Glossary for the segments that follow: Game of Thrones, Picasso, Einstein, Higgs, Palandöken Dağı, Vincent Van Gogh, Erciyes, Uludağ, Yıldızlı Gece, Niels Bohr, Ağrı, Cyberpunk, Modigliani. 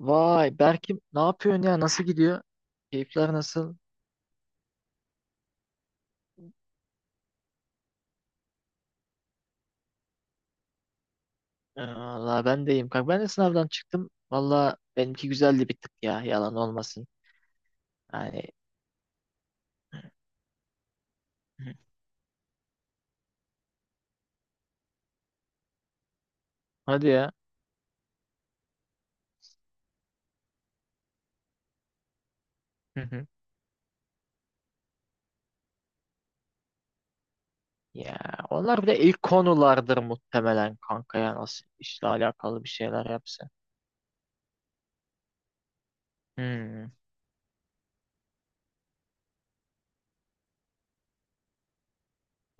Vay Berk'im ne yapıyorsun ya? Nasıl gidiyor? Keyifler nasıl? Valla ben de iyiyim. Kanka ben de sınavdan çıktım. Valla benimki güzeldi bir tık ya. Yalan olmasın. Yani. Hadi ya. Hı hı. Ya, onlar bir de ilk konulardır muhtemelen kanka ya. Nasıl işle alakalı bir şeyler yapsa. Hmm.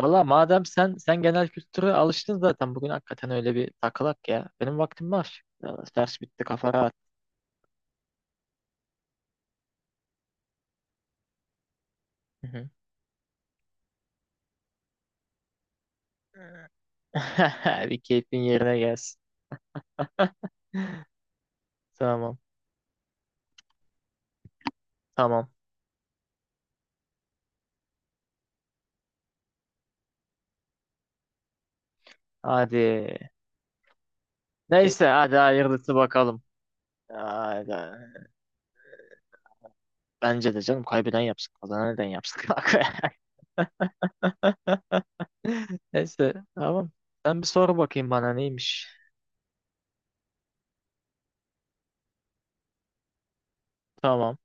Valla madem sen genel kültüre alıştın zaten bugün hakikaten öyle bir takılak ya. Benim vaktim var. Valla ders bitti kafa rahat. Hı hı. Bir keyfin yerine gelsin. Tamam. Tamam. Hadi. Neyse hadi hayırlısı bakalım. Hadi. Bence de canım kaybeden yapsın. Kazanan neden yapsın? Neyse tamam. Sen bir sor bakayım bana neymiş. Tamam.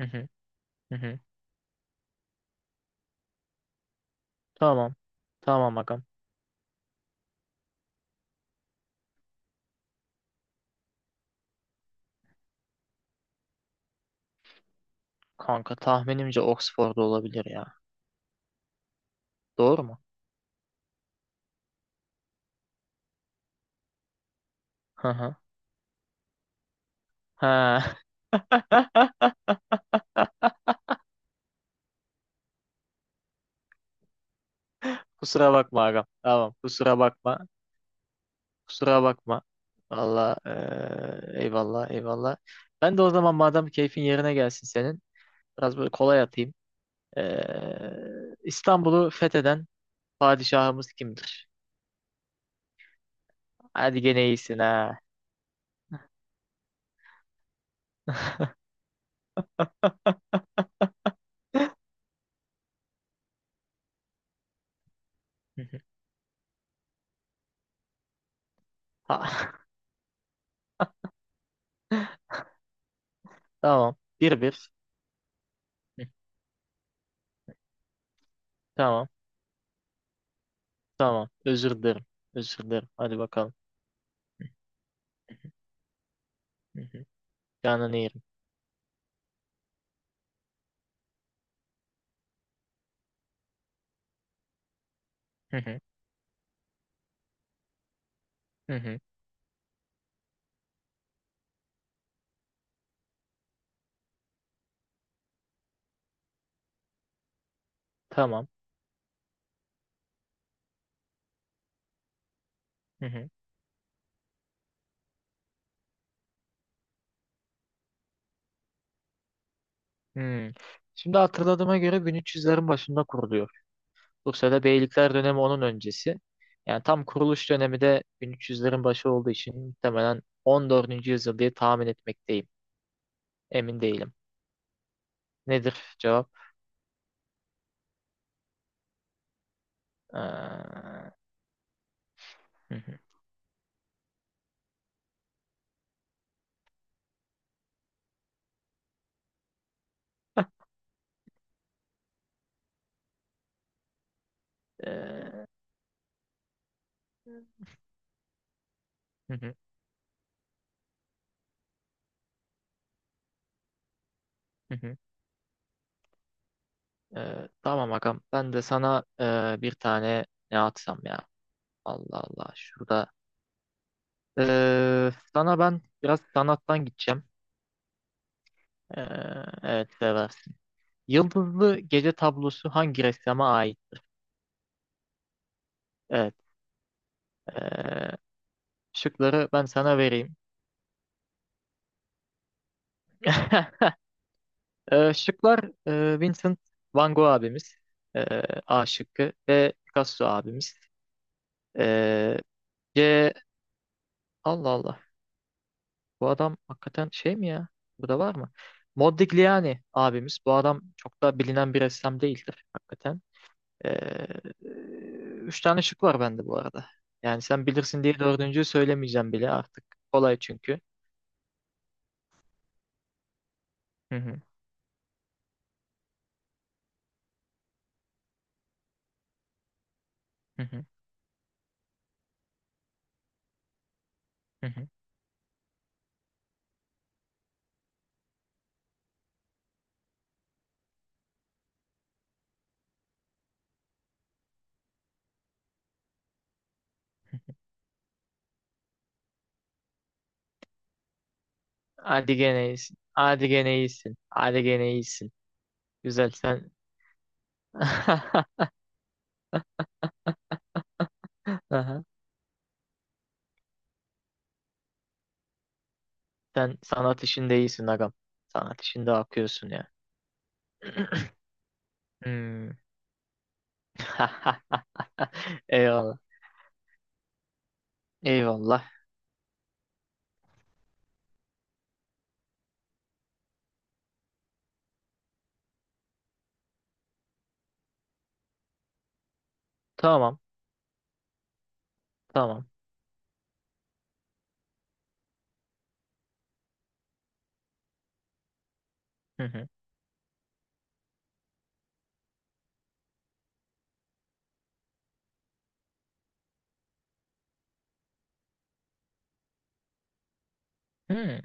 Hı hı, hı hı. Tamam. Tamam agam. Kanka tahminimce Oxford'da olabilir ya. Doğru mu? Hı hı. Ha. Kusura bakma agam. Tamam. Kusura bakma. Kusura bakma. Valla eyvallah eyvallah. Ben de o zaman madem keyfin yerine gelsin senin. Biraz böyle kolay atayım. İstanbul'u fetheden padişahımız kimdir? Hadi gene iyisin ha. Hı hı. Ha, tamam. Bir bir. Hı, tamam. Tamam. Özür dilerim. Özür dilerim. Hadi bakalım. Hı hı. Canını yerim. Hı hı. Hı hı. Tamam. Hı hı. Hmm. Şimdi hatırladığıma göre 1300'lerin başında kuruluyor. Bursa'da beylikler dönemi onun öncesi. Yani tam kuruluş dönemi de 1300'lerin başı olduğu için muhtemelen 14. yüzyıl diye tahmin etmekteyim. Emin değilim. Nedir cevap? Hı hı, ee, hı hı, hı hı. Tamam agam. Ben de sana bir tane ne atsam ya. Allah Allah. Şurada. Sana ben biraz sanattan gideceğim. Ee, evet seversin. Yıldızlı Gece tablosu hangi ressama ait? Evet. ee, Şıkları ben sana vereyim. Şıklar Vincent Van Gogh abimiz. ee, A şıkkı ve Picasso abimiz. Ee, C. Allah Allah. Bu adam hakikaten şey mi ya? Bu da var mı? Modigliani abimiz. Bu adam çok da bilinen bir ressam değildir hakikaten. Ee, Üç tane şık var bende bu arada. Yani sen bilirsin diye dördüncüyü söylemeyeceğim bile artık. Kolay çünkü. Hı hı, hı hı, hı hı. Hadi gene iyisin. Hadi gene iyisin. Hadi gene iyisin. Güzel sen. Aha. Sen sanat işinde iyisin agam. Sanat işinde akıyorsun ya. Hmm. Eyvallah. Eyvallah. Tamam. Tamam. Hı hı. Hı hı.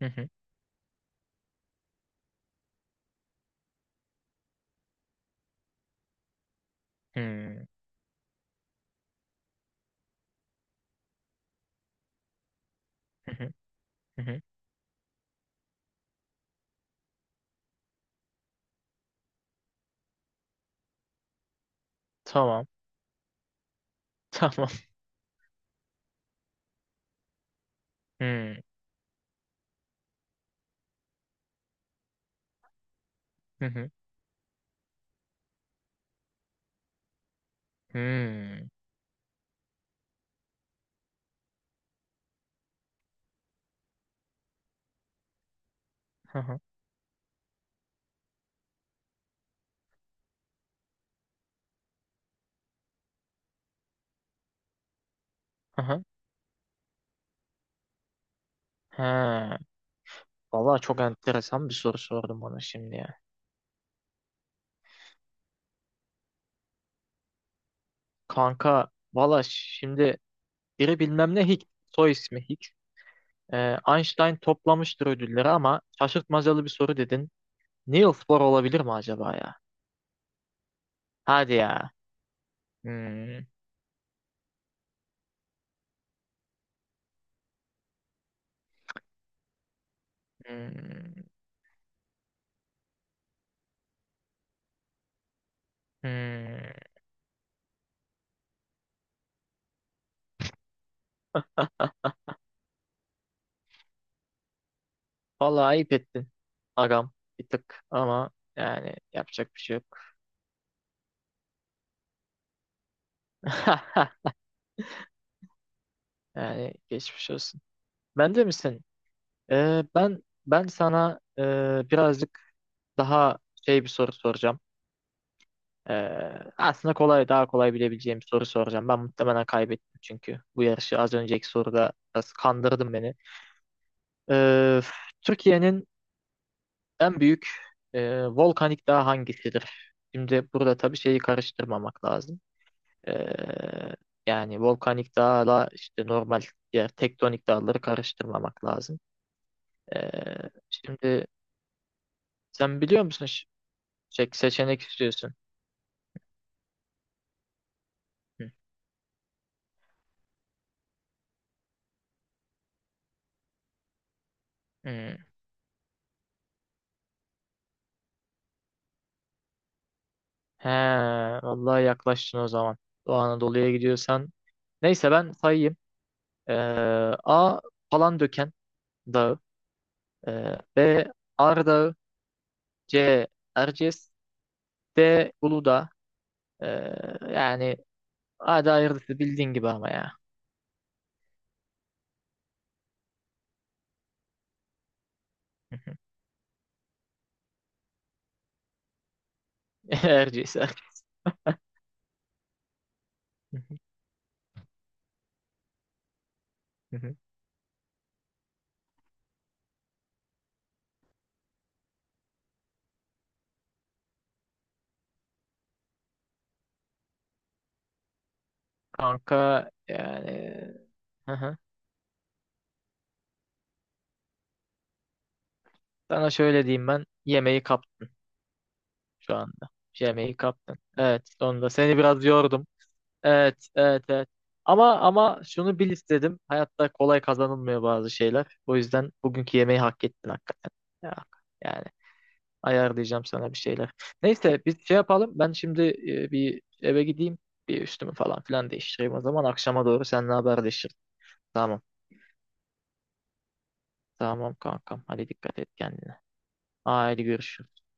Hı hı. Hı hı. Hı hı. Hı hı. Tamam. Tamam. Hı hı. Hı hı. Hı hı. Hı hı. Ha. Valla çok enteresan bir soru sordum bana şimdi ya. Kanka valla şimdi biri bilmem ne Higgs. Soy ismi Higgs. Einstein toplamıştır ödülleri ama şaşırtmacalı bir soru dedin. Niels Bohr olabilir mi acaba ya? Hadi ya. Hmm, hmm. Hmm. Vallahi ayıp ettin. Agam bir tık ama yani yapacak bir şey yok. Yani geçmiş olsun. Ben de misin? Ben sana birazcık daha şey bir soru soracağım. Aslında kolay daha kolay bilebileceğim bir soru soracağım. Ben muhtemelen kaybettim çünkü bu yarışı az önceki soruda biraz kandırdın beni. Ee, Türkiye'nin en büyük volkanik dağı hangisidir? Şimdi burada tabii şeyi karıştırmamak lazım. Ee, yani volkanik dağla işte normal diğer tektonik dağları karıştırmamak lazım. Şimdi sen biliyor musun şey, seçenek istiyorsun. Hı. Hı. He, vallahi yaklaştın o zaman. Doğu Anadolu'ya gidiyorsan. Neyse ben sayayım. Ee, A. Palandöken Dağı. B. Ağrı. C. Erciyes. D. Uludağ. Ee, yani hadi hayırlısı bildiğin gibi ama ya. Erciyes. Erciyes. Hı hı. Kanka yani. Hı hı. Sana şöyle diyeyim ben yemeği kaptın şu anda. Yemeği kaptın. Evet sonunda seni biraz yordum. Evet evet evet. Ama şunu bil istedim. Hayatta kolay kazanılmıyor bazı şeyler. O yüzden bugünkü yemeği hak ettin hakikaten. Ya, yani ayarlayacağım sana bir şeyler. Neyse biz şey yapalım. Ben şimdi bir eve gideyim. Bir üstümü falan filan değiştireyim. O zaman akşama doğru seninle haberleşiriz. Tamam. Tamam kankam. Hadi dikkat et kendine. Haydi görüşürüz.